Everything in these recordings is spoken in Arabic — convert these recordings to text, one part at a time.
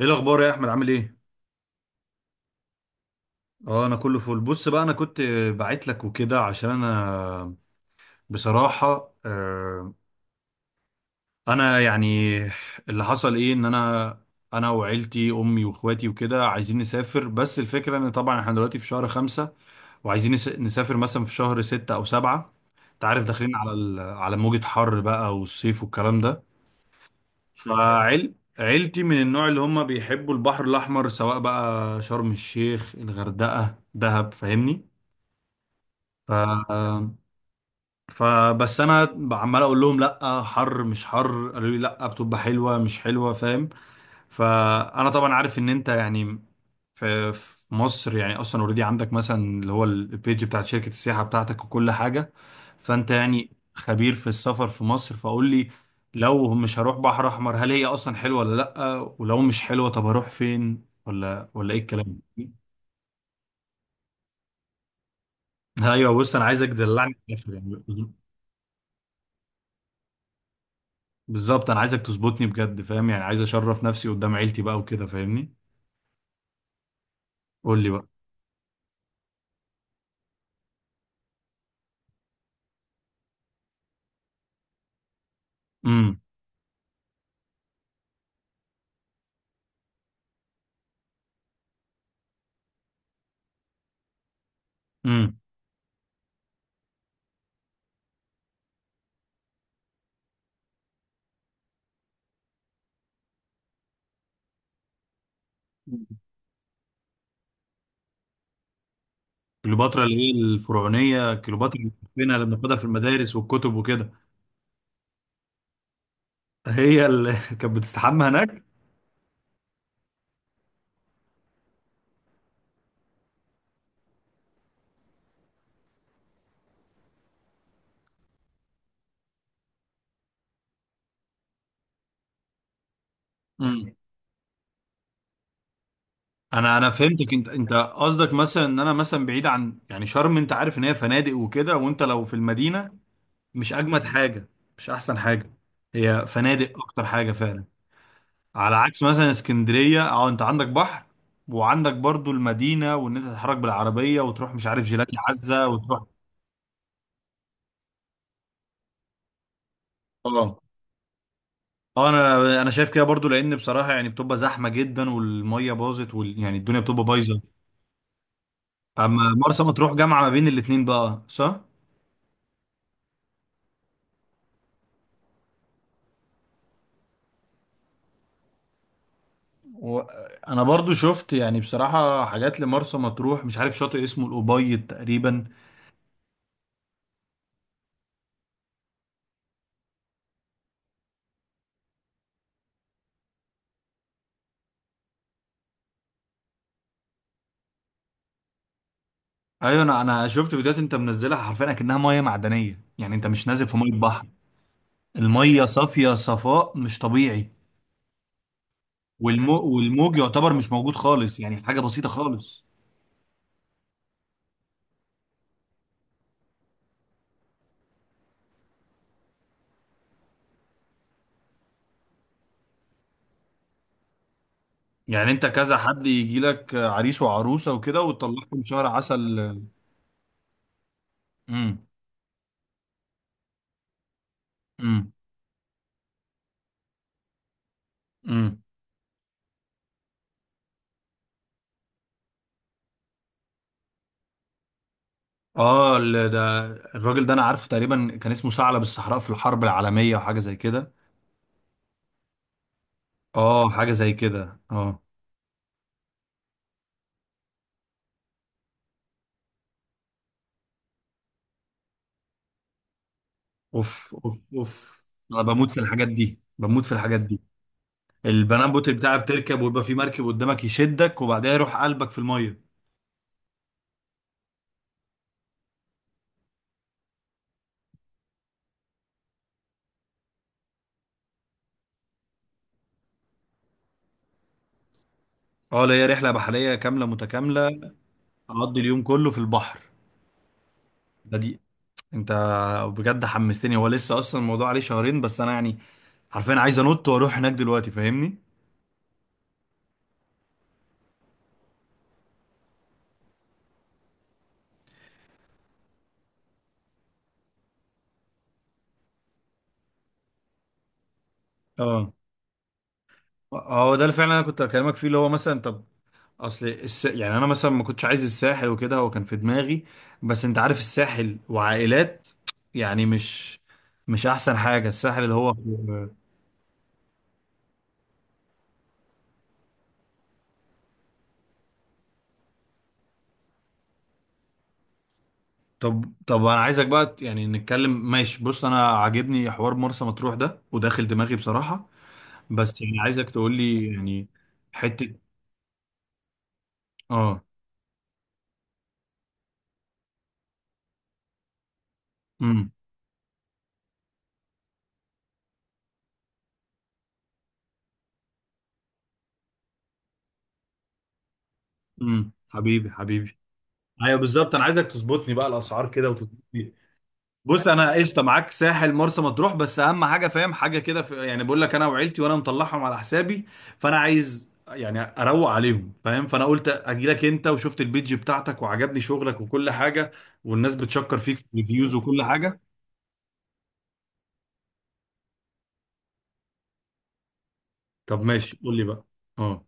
ايه الاخبار يا احمد عامل ايه؟ اه انا كله فل. بص بقى، انا كنت بعت لك وكده عشان انا بصراحه انا يعني اللي حصل ايه، ان انا وعيلتي امي واخواتي وكده عايزين نسافر. بس الفكره ان طبعا احنا دلوقتي في شهر خمسة، وعايزين نسافر مثلا في شهر ستة او سبعة. انت عارف داخلين على على موجه حر بقى والصيف والكلام ده. فعيل عيلتي من النوع اللي هم بيحبوا البحر الاحمر، سواء بقى شرم الشيخ، الغردقه، دهب، فاهمني. ف... فبس انا عمال اقول لهم لا حر مش حر، قالوا لي لا بتبقى حلوه مش حلوه، فاهم. فانا طبعا عارف ان انت يعني في مصر يعني اصلا اوريدي عندك مثلا اللي هو البيج بتاعت شركه السياحه بتاعتك وكل حاجه. فانت يعني خبير في السفر في مصر، فقول لي لو مش هروح بحر احمر، هل هي اصلا حلوه ولا لا؟ ولو مش حلوه طب هروح فين؟ ولا ايه الكلام ده؟ ايوه بص، انا عايزك تدلعني في الاخر يعني. بالظبط انا عايزك تظبطني بجد فاهم، يعني عايز اشرف نفسي قدام عيلتي بقى وكده فاهمني. قول لي بقى. امم. امم. كليوباترا اللي هي الفرعونيه، كليوباترا اللي بنحبها لما بناخدها في المدارس والكتب وكده. هي اللي كانت بتستحمى هناك. امم. انا فهمتك، انت قصدك مثلا ان انا مثلا بعيد عن يعني شرم، انت عارف ان هي فنادق وكده، وانت لو في المدينه مش اجمد حاجه، مش احسن حاجه. هي فنادق اكتر حاجه فعلا. على عكس مثلا اسكندرية، اه انت عندك بحر وعندك برضو المدينة، وان انت تتحرك بالعربية وتروح مش عارف جيلاتي عزة وتروح. اه اه، انا شايف كده برضو، لان بصراحة يعني بتبقى زحمة جدا، والمية باظت يعني الدنيا بتبقى بايظة. اما مرسى مطروح جامعة ما بين الاتنين بقى، صح؟ و... انا برضو شفت يعني بصراحة حاجات لمرسى مطروح، مش عارف شاطئ اسمه الأبيض تقريبا. ايوه، انا شفت فيديوهات انت منزلها حرفيا اكنها مية معدنية، يعني انت مش نازل في مية بحر. المية صافية صفاء مش طبيعي. والموج يعتبر مش موجود خالص، يعني حاجة بسيطة خالص. يعني انت كذا حد يجي لك عريس وعروسة وكده وتطلعهم شهر عسل. امم. امم. امم. اه ده. الراجل ده انا عارفه، تقريبا كان اسمه ثعلب الصحراء في الحرب العالمية وحاجة زي كده. اه حاجة زي كده، اه. اوف اوف اوف، انا بموت في الحاجات دي، بموت في الحاجات دي. البنان بوت بتاعها بتركب ويبقى في مركب قدامك يشدك وبعدها يروح قلبك في المية. اه، اللي هي رحلة بحرية كاملة متكاملة. اقضي اليوم كله في البحر. دي انت بجد حمستني، هو لسه اصلا الموضوع عليه شهرين، بس انا يعني حرفيا عايز انط واروح هناك دلوقتي فاهمني. اه اه، ده اللي فعلا انا كنت بكلمك فيه، اللي هو مثلا طب يعني انا مثلا ما كنتش عايز الساحل وكده، هو كان في دماغي. بس انت عارف الساحل وعائلات، يعني مش احسن حاجة الساحل اللي هو. طب طب، انا عايزك بقى يعني نتكلم. ماشي. بص انا عاجبني حوار مرسى مطروح ده، وداخل دماغي بصراحة. بس يعني عايزك تقول لي يعني حتة. اه. امم. امم. حبيبي حبيبي. ايوه بالظبط، انا عايزك تظبطني بقى الاسعار كده وتظبطني. بص انا قشطه معاك، ساحل مرسى مطروح. بس اهم حاجه فاهم حاجه كده يعني بقول لك، انا وعيلتي وانا مطلعهم على حسابي، فانا عايز يعني اروق عليهم فاهم. فانا قلت اجي لك انت، وشفت البيج بتاعتك وعجبني شغلك وكل حاجه، والناس بتشكر فيك في الريفيوز وكل حاجه. طب ماشي قول لي بقى. اه،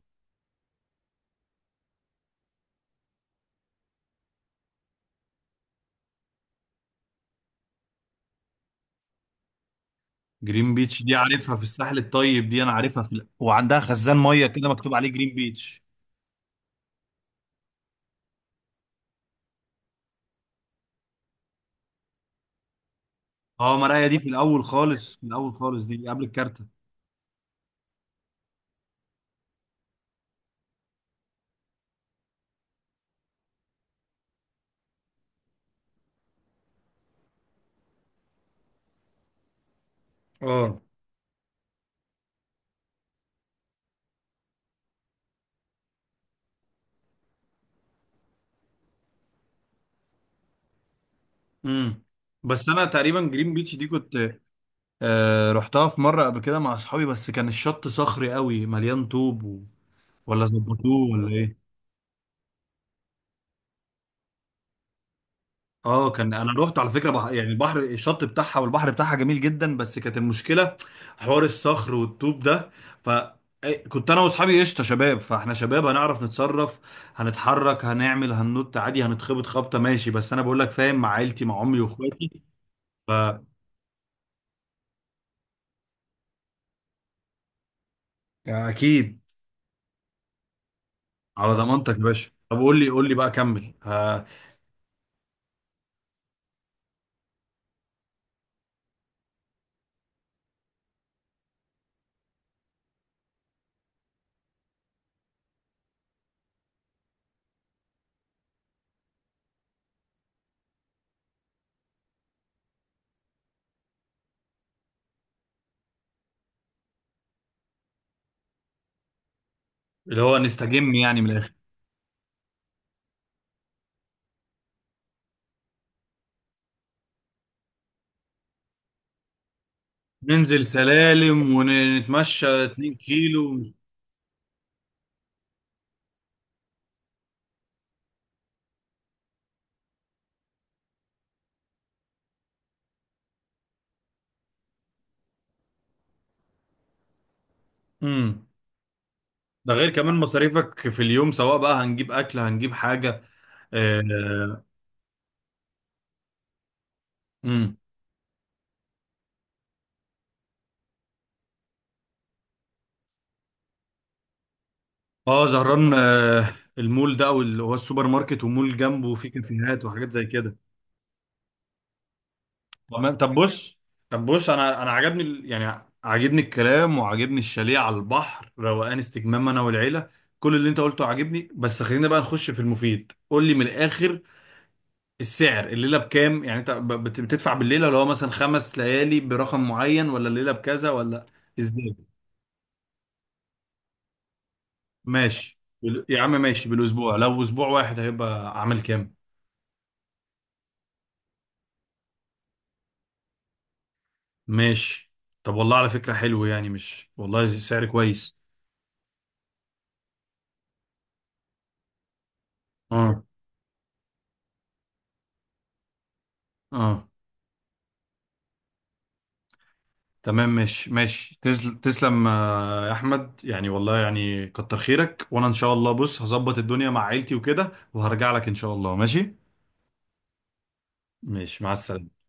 جرين بيتش دي عارفها، في الساحل الطيب دي، انا عارفها في وعندها خزان ميه كده مكتوب عليه جرين بيتش. اه مرايا دي في الاول خالص، في الاول خالص، دي قبل الكارته. اه. امم. بس انا تقريبا جرين بيتش دي كنت آه رحتها في مرة قبل كده مع أصحابي، بس كان الشط صخري قوي مليان طوب ولا ظبطوه ولا إيه؟ اه، كان انا رحت على فكره يعني البحر الشط بتاعها والبحر بتاعها جميل جدا، بس كانت المشكله حوار الصخر والطوب ده. ف كنت انا واصحابي قشطه شباب، فاحنا شباب هنعرف نتصرف، هنتحرك هنعمل هننط عادي هنتخبط خبطه ماشي. بس انا بقول لك فاهم، مع عيلتي مع امي واخواتي. ف اكيد. على ضمانتك يا باشا. طب قول لي، قول لي بقى كمل اللي هو نستجم يعني من الاخر. ننزل سلالم ونتمشى 2 كيلو. امم. ده غير كمان مصاريفك في اليوم، سواء بقى هنجيب اكل هنجيب حاجه. اه. امم. اه زهران آه. المول ده او اللي هو السوبر ماركت ومول جنبه فيه كافيهات وحاجات زي كده. تمام طب بص. طب بص، انا عجبني يعني عجبني الكلام وعجبني الشاليه على البحر، روقان استجمام انا والعيله. كل اللي انت قلته عجبني. بس خلينا بقى نخش في المفيد، قول لي من الاخر، السعر الليله بكام؟ يعني انت بتدفع بالليله، اللي هو مثلا خمس ليالي برقم معين، ولا الليله بكذا، ولا ازاي؟ ماشي يا عم ماشي بالاسبوع، لو اسبوع واحد هيبقى عامل كام؟ ماشي. طب والله على فكره حلو، يعني مش والله سعر كويس. اه. اه. تمام ماشي ماشي، تسلم يا احمد، يعني والله يعني كتر خيرك. وانا ان شاء الله بص هظبط الدنيا مع عيلتي وكده، وهرجع لك ان شاء الله ماشي. ماشي مع السلامه.